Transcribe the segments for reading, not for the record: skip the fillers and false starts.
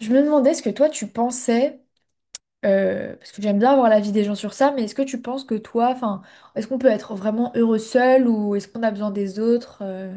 Je me demandais ce que toi tu pensais, parce que j'aime bien avoir l'avis des gens sur ça, mais est-ce que tu penses que toi, enfin, est-ce qu'on peut être vraiment heureux seul ou est-ce qu'on a besoin des autres?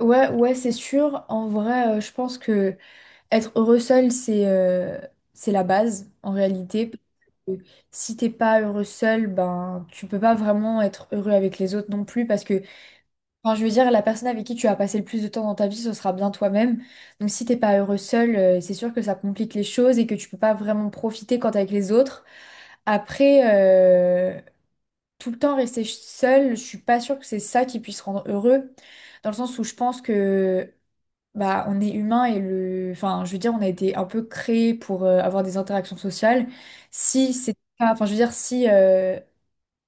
Ouais, ouais, c'est sûr. En vrai, je pense que être heureux seul, c'est la base en réalité. Parce que si t'es pas heureux seul, ben tu peux pas vraiment être heureux avec les autres non plus parce que, enfin, je veux dire, la personne avec qui tu as passé le plus de temps dans ta vie, ce sera bien toi-même. Donc, si t'es pas heureux seul, c'est sûr que ça complique les choses et que tu peux pas vraiment profiter quand t'es avec les autres. Après, euh, Tout le temps rester seul, je suis pas sûre que c'est ça qui puisse rendre heureux, dans le sens où je pense que bah on est humain et le, enfin, je veux dire, on a été un peu créé pour avoir des interactions sociales. Si c'est pas, enfin, je veux dire, si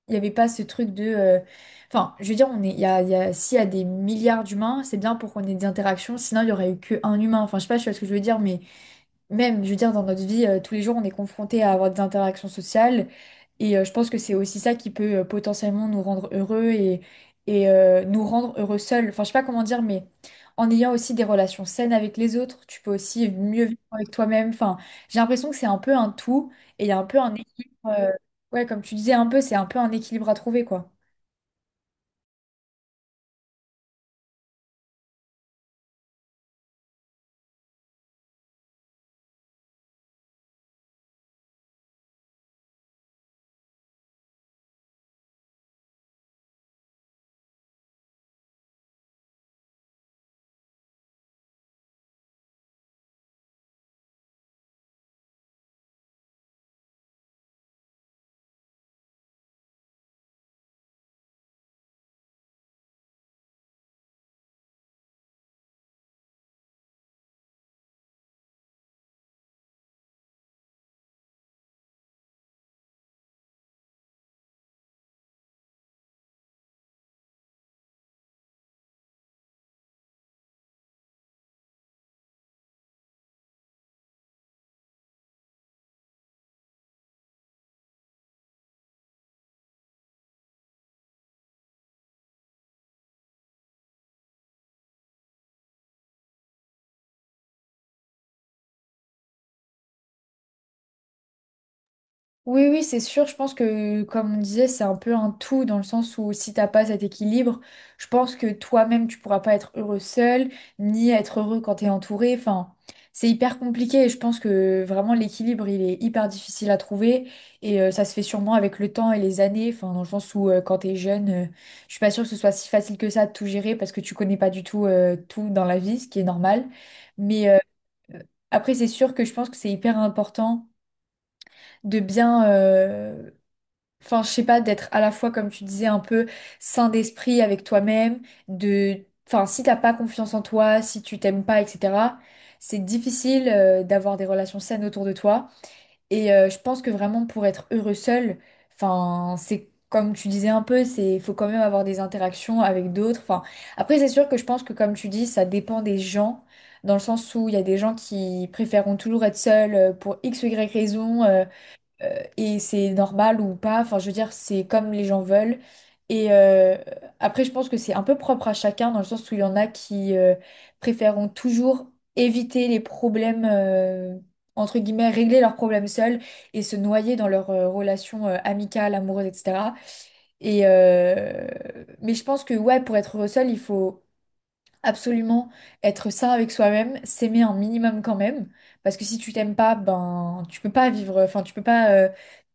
il n'y avait pas ce truc de… Enfin, je veux dire, on est, il y a, s'il y a des milliards d'humains, c'est bien pour qu'on ait des interactions, sinon il n'y aurait eu qu'un humain. Enfin, je sais pas ce que je veux dire, mais même, je veux dire, dans notre vie, tous les jours, on est confronté à avoir des interactions sociales. Et je pense que c'est aussi ça qui peut potentiellement nous rendre heureux et nous rendre heureux seuls. Enfin, je sais pas comment dire, mais en ayant aussi des relations saines avec les autres, tu peux aussi mieux vivre avec toi-même. Enfin, j'ai l'impression que c'est un peu un tout et il y a un peu un équilibre, ouais, comme tu disais, un peu, c'est un peu un équilibre à trouver, quoi. Oui, oui, c'est sûr. Je pense que, comme on disait, c'est un peu un tout dans le sens où si t'as pas cet équilibre, je pense que toi-même, tu pourras pas être heureux seul, ni être heureux quand t'es entouré. Enfin, c'est hyper compliqué et je pense que vraiment l'équilibre, il est hyper difficile à trouver et ça se fait sûrement avec le temps et les années. Enfin, dans le sens où quand t'es jeune, je suis pas sûre que ce soit si facile que ça de tout gérer parce que tu connais pas du tout tout dans la vie, ce qui est normal. Mais après, c'est sûr que je pense que c'est hyper important de bien, enfin, je sais pas, d'être à la fois, comme tu disais, un peu sain d'esprit avec toi-même, de… Enfin, si t'as pas confiance en toi, si tu t'aimes pas, etc., c'est difficile d'avoir des relations saines autour de toi. Et je pense que vraiment, pour être heureux seul, enfin, c'est comme tu disais un peu, c'est faut quand même avoir des interactions avec d'autres. Enfin, après, c'est sûr que je pense que, comme tu dis, ça dépend des gens, dans le sens où il y a des gens qui préféreront toujours être seuls pour X ou Y raison. Et c'est normal ou pas. Enfin, je veux dire, c'est comme les gens veulent. Et après, je pense que c'est un peu propre à chacun, dans le sens où il y en a qui préféreront toujours éviter les problèmes, entre guillemets, régler leurs problèmes seuls et se noyer dans leurs relations amicales, amoureuses, etc. Et, euh, mais je pense que, ouais, pour être heureux seul, il faut absolument être sain avec soi-même, s'aimer un minimum quand même, parce que si tu t'aimes pas, ben tu peux pas vivre, enfin tu peux pas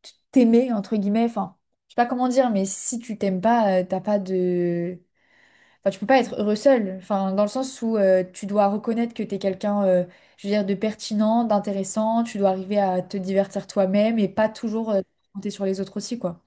t'aimer entre guillemets, enfin je sais pas comment dire, mais si tu t'aimes pas, t'as pas de, enfin tu peux pas être heureux seul, enfin dans le sens où tu dois reconnaître que t'es quelqu'un, je veux dire de pertinent, d'intéressant, tu dois arriver à te divertir toi-même et pas toujours compter sur les autres aussi quoi.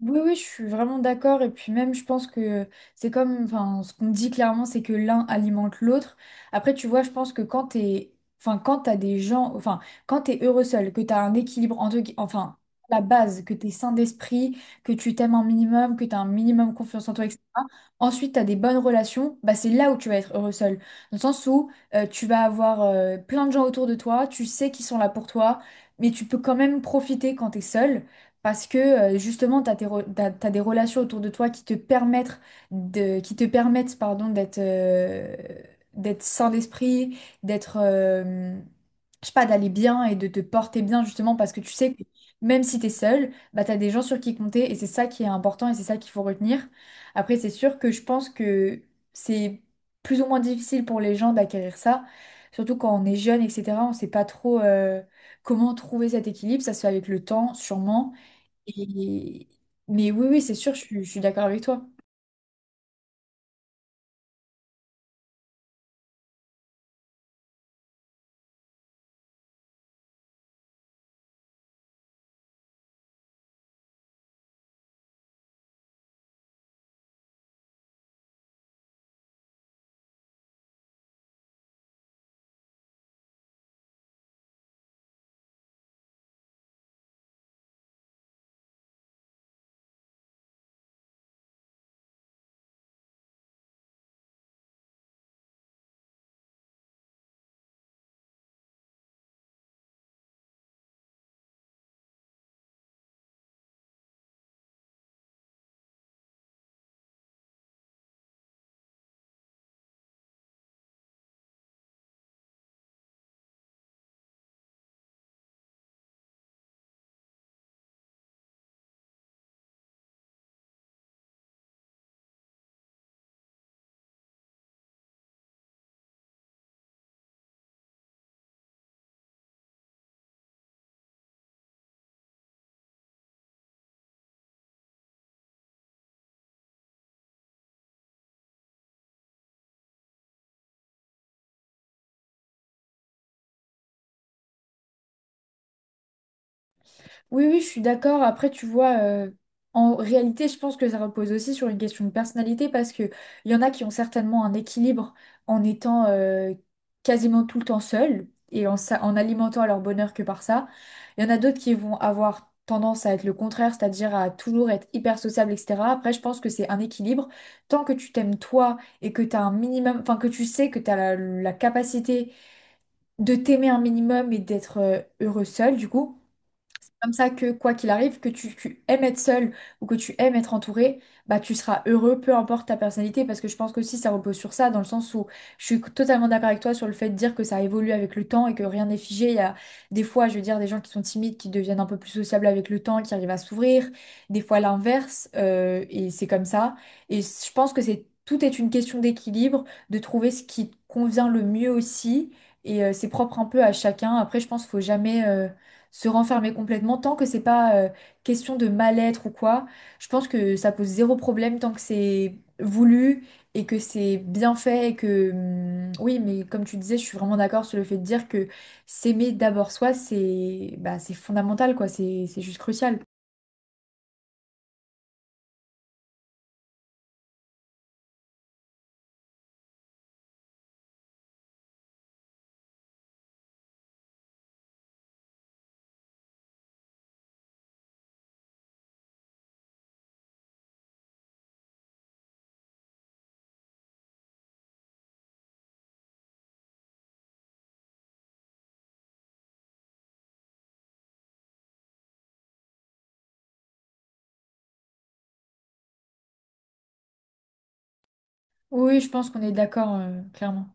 Oui, oui, je suis vraiment d'accord. Et puis même, je pense que c'est comme, enfin, ce qu'on dit clairement, c'est que l'un alimente l'autre. Après, tu vois, je pense que quand t'es, enfin, quand t'as des gens, enfin, quand t'es heureux seul, que t'as un équilibre entre, enfin, la base, que t'es sain d'esprit, que tu t'aimes un minimum, que t'as un minimum confiance en toi, etc. Ensuite, t'as des bonnes relations, bah c'est là où tu vas être heureux seul. Dans le sens où tu vas avoir plein de gens autour de toi, tu sais qu'ils sont là pour toi, mais tu peux quand même profiter quand t'es seul. Parce que justement, tu as des relations autour de toi qui te permettent, de, qui te permettent pardon, d'être sain d'esprit, d'être, euh, je sais pas, d'aller bien et de te porter bien justement parce que tu sais que même si tu es seul, bah, tu as des gens sur qui compter et c'est ça qui est important et c'est ça qu'il faut retenir. Après, c'est sûr que je pense que c'est plus ou moins difficile pour les gens d'acquérir ça, surtout quand on est jeune, etc. On sait pas trop comment trouver cet équilibre. Ça se fait avec le temps, sûrement. Et- Mais oui, oui, c'est sûr, je suis d'accord avec toi. Oui, oui, je suis d'accord. Après, tu vois, en réalité, je pense que ça repose aussi sur une question de personnalité parce que il y en a qui ont certainement un équilibre en étant quasiment tout le temps seuls et en, en alimentant leur bonheur que par ça. Il y en a d'autres qui vont avoir tendance à être le contraire, c'est-à-dire à toujours être hyper sociable, etc. Après, je pense que c'est un équilibre. Tant que tu t'aimes toi et que tu as un minimum, enfin que tu sais que tu as la capacité de t'aimer un minimum et d'être heureux seul, du coup comme ça que quoi qu'il arrive, que tu aimes être seul ou que tu aimes être entouré, bah tu seras heureux, peu importe ta personnalité, parce que je pense que si ça repose sur ça, dans le sens où je suis totalement d'accord avec toi sur le fait de dire que ça évolue avec le temps et que rien n'est figé. Il y a des fois, je veux dire, des gens qui sont timides, qui deviennent un peu plus sociables avec le temps, qui arrivent à s'ouvrir, des fois l'inverse, et c'est comme ça. Et je pense que c'est tout est une question d'équilibre, de trouver ce qui te convient le mieux aussi. Et c'est propre un peu à chacun. Après, je pense qu'il faut jamais se renfermer complètement tant que c'est pas question de mal-être ou quoi. Je pense que ça pose zéro problème tant que c'est voulu et que c'est bien fait et que oui, mais comme tu disais, je suis vraiment d'accord sur le fait de dire que s'aimer d'abord soi, c'est bah, c'est fondamental quoi, c'est juste crucial. Oui, je pense qu'on est d'accord clairement.